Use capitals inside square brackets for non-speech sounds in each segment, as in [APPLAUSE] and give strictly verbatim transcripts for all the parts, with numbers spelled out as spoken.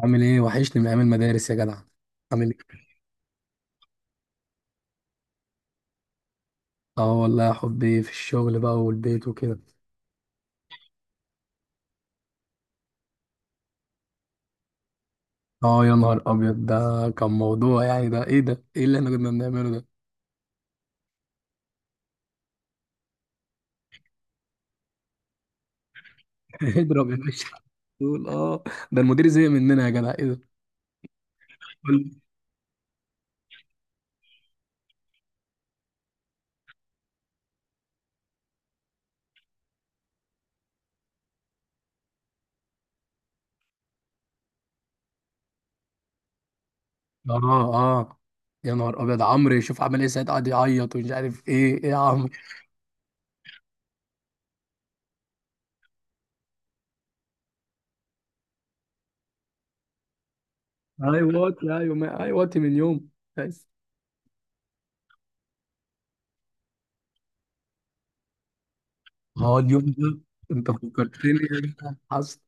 عامل ايه؟ وحشني من ايام المدارس يا جدع. عامل ايه؟ اه والله يا حبي، في الشغل بقى والبيت وكده. اه يا نهار ابيض، ده كان موضوع يعني. ده ايه ده ايه اللي احنا كنا بنعمله ده؟ [LAUGHS] اضرب يا باشا. تقول اه. ده المدير زهق مننا يا جدع، ايه ده؟ قول لي. اه اه، يا نهار ابيض عمرو، يشوف عمل ايه ساعتها، قعد يعيط ومش عارف ايه، ايه يا عمرو. ايوه واتي، ايوه ما- ايوه واتي من يوم. بس اه اليوم ده، انت فكرتني يا جدع. حصل.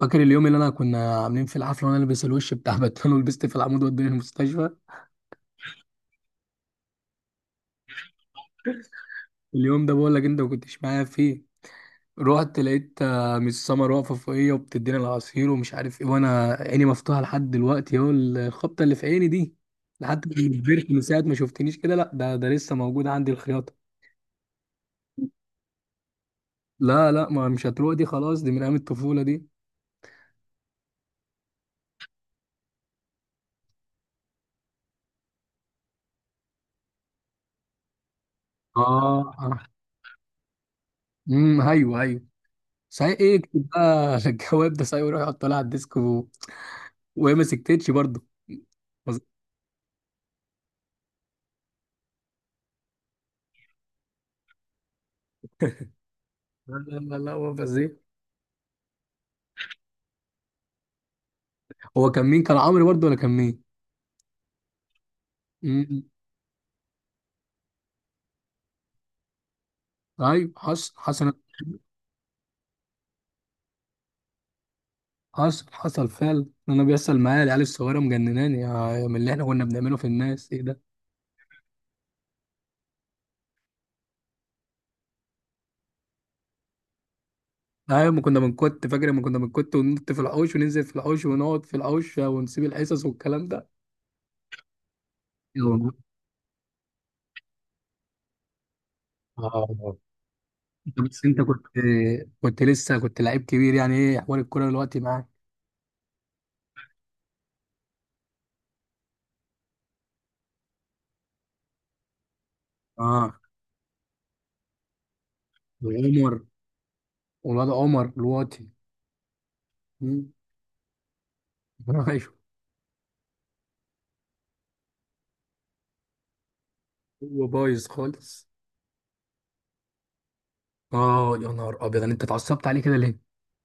فاكر اليوم اللي انا كنا عاملين في الحفله، وانا لابس الوش بتاع [LAUGHS] باتمان، ولبست في العمود وداني المستشفى. اليوم ده بقول لك انت ما كنتش معايا فيه. رحت لقيت آه، مس سمر واقفه فوقيا وبتديني العصير ومش عارف ايه، وانا عيني مفتوحه لحد دلوقتي اهو، الخبطه اللي في عيني دي، لحد ما كبرت، من ساعه ما شفتنيش كده. لا ده ده لسه موجود عندي الخياطه. لا لا، ما مش هتروح دي، خلاص دي من ايام الطفوله دي. اه آه. امم ايوه ايوه. صحيح ايه، اكتب بقى [LAUGHS] الجواب ده صحيح، ويروح يحطه لها على الديسك و... وهي ما سكتتش برضه. لا لا لا لا، هو فازيه. هو كان مين؟ كان عمرو برضه ولا كان مين؟ امم. ايوه حصل حصل. حصل حصل فعلا. انا بيحصل معايا العيال الصغيره مجنناني، يا من اللي احنا كنا بنعمله في الناس، ايه ده؟ ايوه، ما كنا بنكت. فاكر لما كنا بنكت وننط في الحوش، وننزل في الحوش، ونقعد في الحوش، ونسيب الحصص والكلام ده. أيوة. آه. انت بس، انت كنت، كنت لسه كنت لعيب كبير. يعني ايه احوال الكوره دلوقتي معاك؟ اه. وعمر، والواد عمر دلوقتي. مم. [LAUGHS] ايوه. هو بايظ خالص. اه يا نهار ابيض، انت اتعصبت عليه كده ليه؟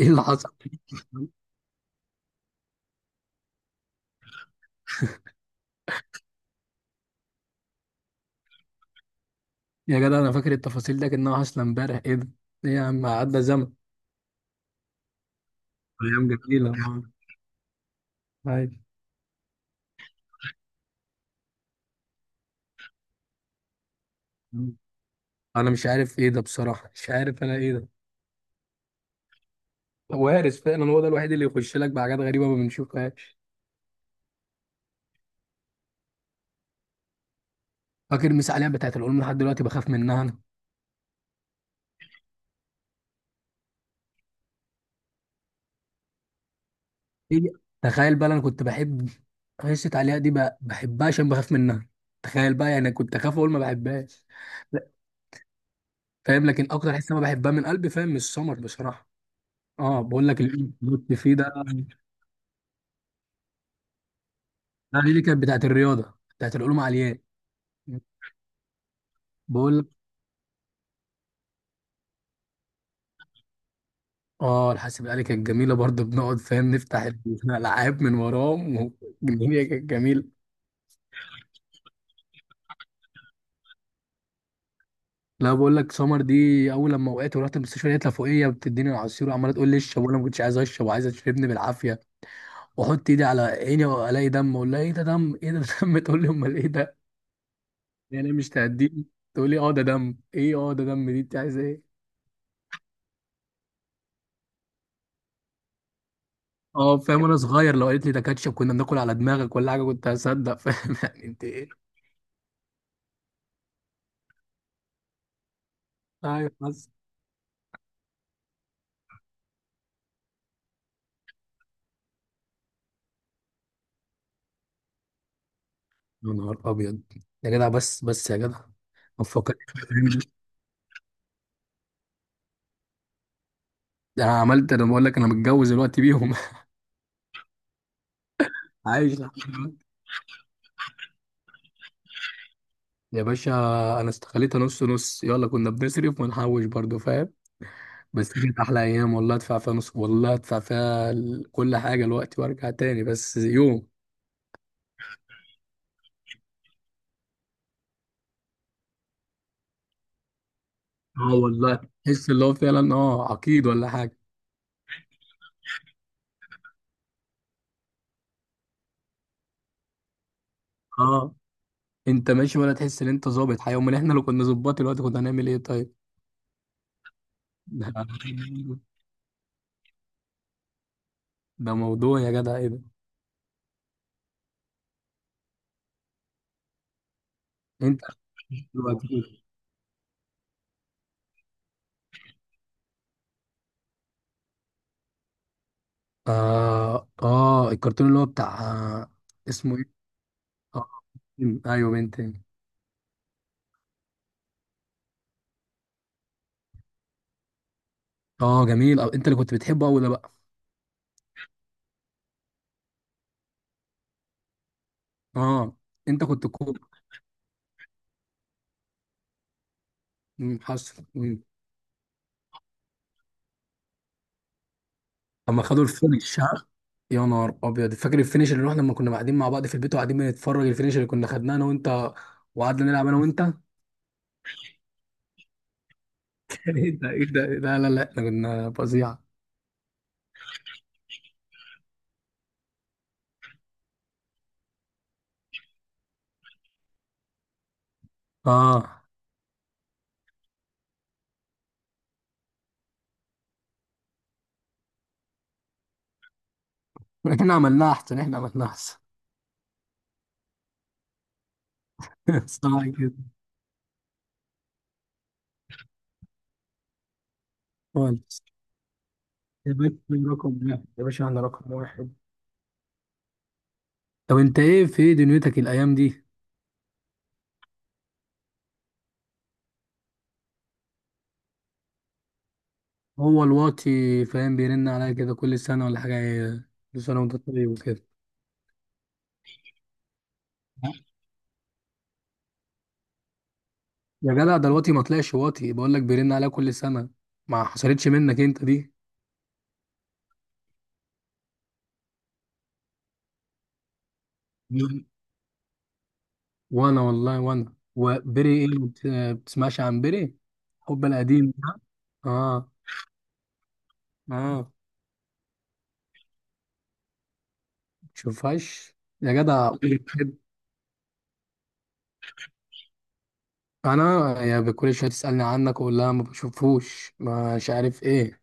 ايه اللي حصل؟ [LAUGHS] يا جدع انا فاكر التفاصيل ده كانها حاصله امبارح، ايه ده؟ ايه يا عم، عدى زمن. ايام جميله [LAUGHS] آه، عادي. انا مش عارف ايه ده بصراحه، مش عارف انا ايه ده. وارث فعلا، هو ده الوحيد اللي يخش لك بحاجات غريبه ما بنشوفهاش. فاكر المسا عليها بتاعت العلوم؟ لحد دلوقتي بخاف منها انا. إيه؟ تخيل بقى، انا كنت بحب قصة عليها دي بقى، بحبها عشان بخاف منها. تخيل بقى، يعني كنت اخاف اقول ما بحبهاش. لا، فاهم. لكن اكتر حس انا بحبها من قلبي فاهم، من السمر بصراحه. اه بقول لك الإيه دوت فيه ده. ده دي كانت بتاعت الرياضه، بتاعت العلوم العليا. بقول لك، اه الحاسب الآلي كانت جميله برضه، بنقعد فاهم نفتح [LAUGHS] الالعاب من وراهم، والدنيا كانت جميله. لا بقول لك، سمر دي اول لما وقعت ورحت المستشفى لقيتها فوقيه بتديني العصير، وعماله تقول لي اشرب وانا ما كنتش عايز اشرب، وعايزه تشربني بالعافيه. واحط ايدي على عيني والاقي دم، اقول لها ايه ده؟ دم، ايه ده دم؟ [LAUGHS] تقول لي امال ايه ده. يعني مش تهديني، تقول لي اه ده دم، ايه اه ده دم، دي انت عايزه ايه؟ اه فاهم. وانا صغير، لو قالت لي ده كاتشب كنا بناكل على دماغك ولا حاجه كنت هصدق، فاهم؟ [LAUGHS] يعني انت ايه. ايوه بس. يا نهار ابيض. يا جدع بس، بس يا جدع. ما تفكرش ده. ده انا عملت، انا بقول لك انا متجوز دلوقتي بيهم [LAUGHS] عايش لحد دلوقتي. يا باشا، انا استخليتها نص نص، يلا. كنا بنصرف ونحوش برضو فاهم. بس دي كانت احلى ايام، والله ادفع فيها نص، والله ادفع فيها ال- كل حاجه دلوقتي وارجع تاني بس يوم. اه والله. تحس اللي هو فعلا اه عقيد ولا حاجه. اه، انت ماشي ولا تحس ان انت ظابط حقيقة. امال احنا لو كنا ظباط دلوقتي كنا هنعمل ايه طيب؟ ده [LAUGHS] ده موضوع يا جدع، ايه ده؟ انت [LAUGHS] دلوقتي كده. اه اه، الكرتون اللي هو بتاع آه، اسمه ايه. اه بنتين. ايوه بنتين. اه جميل. أو انت اللي كنت بتحبه قوي ده بقى. اه انت كنت كوب. مم، حصل مم. اما خدوا الفينش ها. يا نهار ابيض، فاكر الفينش اللي رحنا، لما كنا قاعدين مع بعض في البيت وقاعدين بنتفرج الفينش اللي كنا خدناه انا وانت، وقعدنا نلعب انا وانت [LAUGHS] ايه ده ايه ده، لا لا لا احنا كنا فظيعه. اه احنا عملناها احسن، احنا عملناها احسن. [LAUGHS] صح كده. خالص. يا باشا، رقم واحد يا باشا، احنا رقم واحد. طب انت ايه في ايه دنيتك الايام دي؟ هو الواطي فاهم بيرن عليا كده كل سنه ولا حاجه، إيه، كل سنه وانت طيب وكده. يا جدع ده الواطي ما طلعش واطي، بقول لك بيرن عليا كل سنه. ما حصلتش منك انت دي. نعم. وانا والله، وانا وبري ايه، ما بت- آه، بتسمعش عن بري، حب القديم ده. اه. اه. شوفهاش. يا جدع، انا يعني كل شويه تسالني عنك واقول لها ما بشوفوش مش عارف ايه.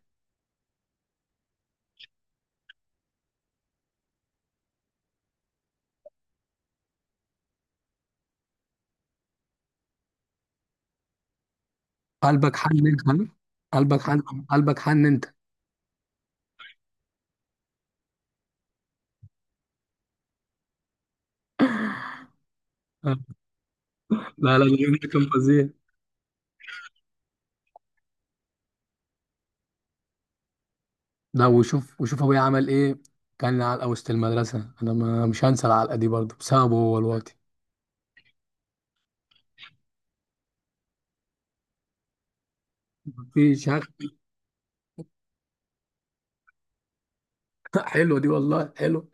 قلبك حن انت ها؟ قلبك حن. قلبك حن انت. لا لا لا، اليوم ده كان فظيع. لا، وشوف وشوف ابويا عمل ايه. كان علقه وسط المدرسه، انا ما مش هنسى العلقه دي برضه، بسببه هو الوقت. مفيش هخ- [LAUGHS] حلوه دي والله، حلو.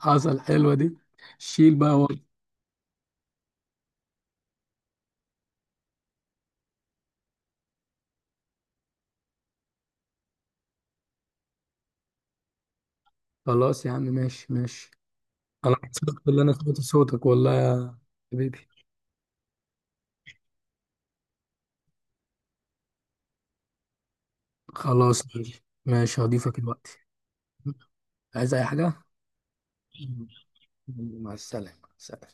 حصل، حلوه دي. شيل بقى هو. خلاص يا عم، ماشي ماشي. انا مبسوط ان انا سمعت صوتك، والله يا حبيبي. خلاص ماشي ماشي، هضيفك دلوقتي. عايز اي حاجه؟ مع السلامة، سلام.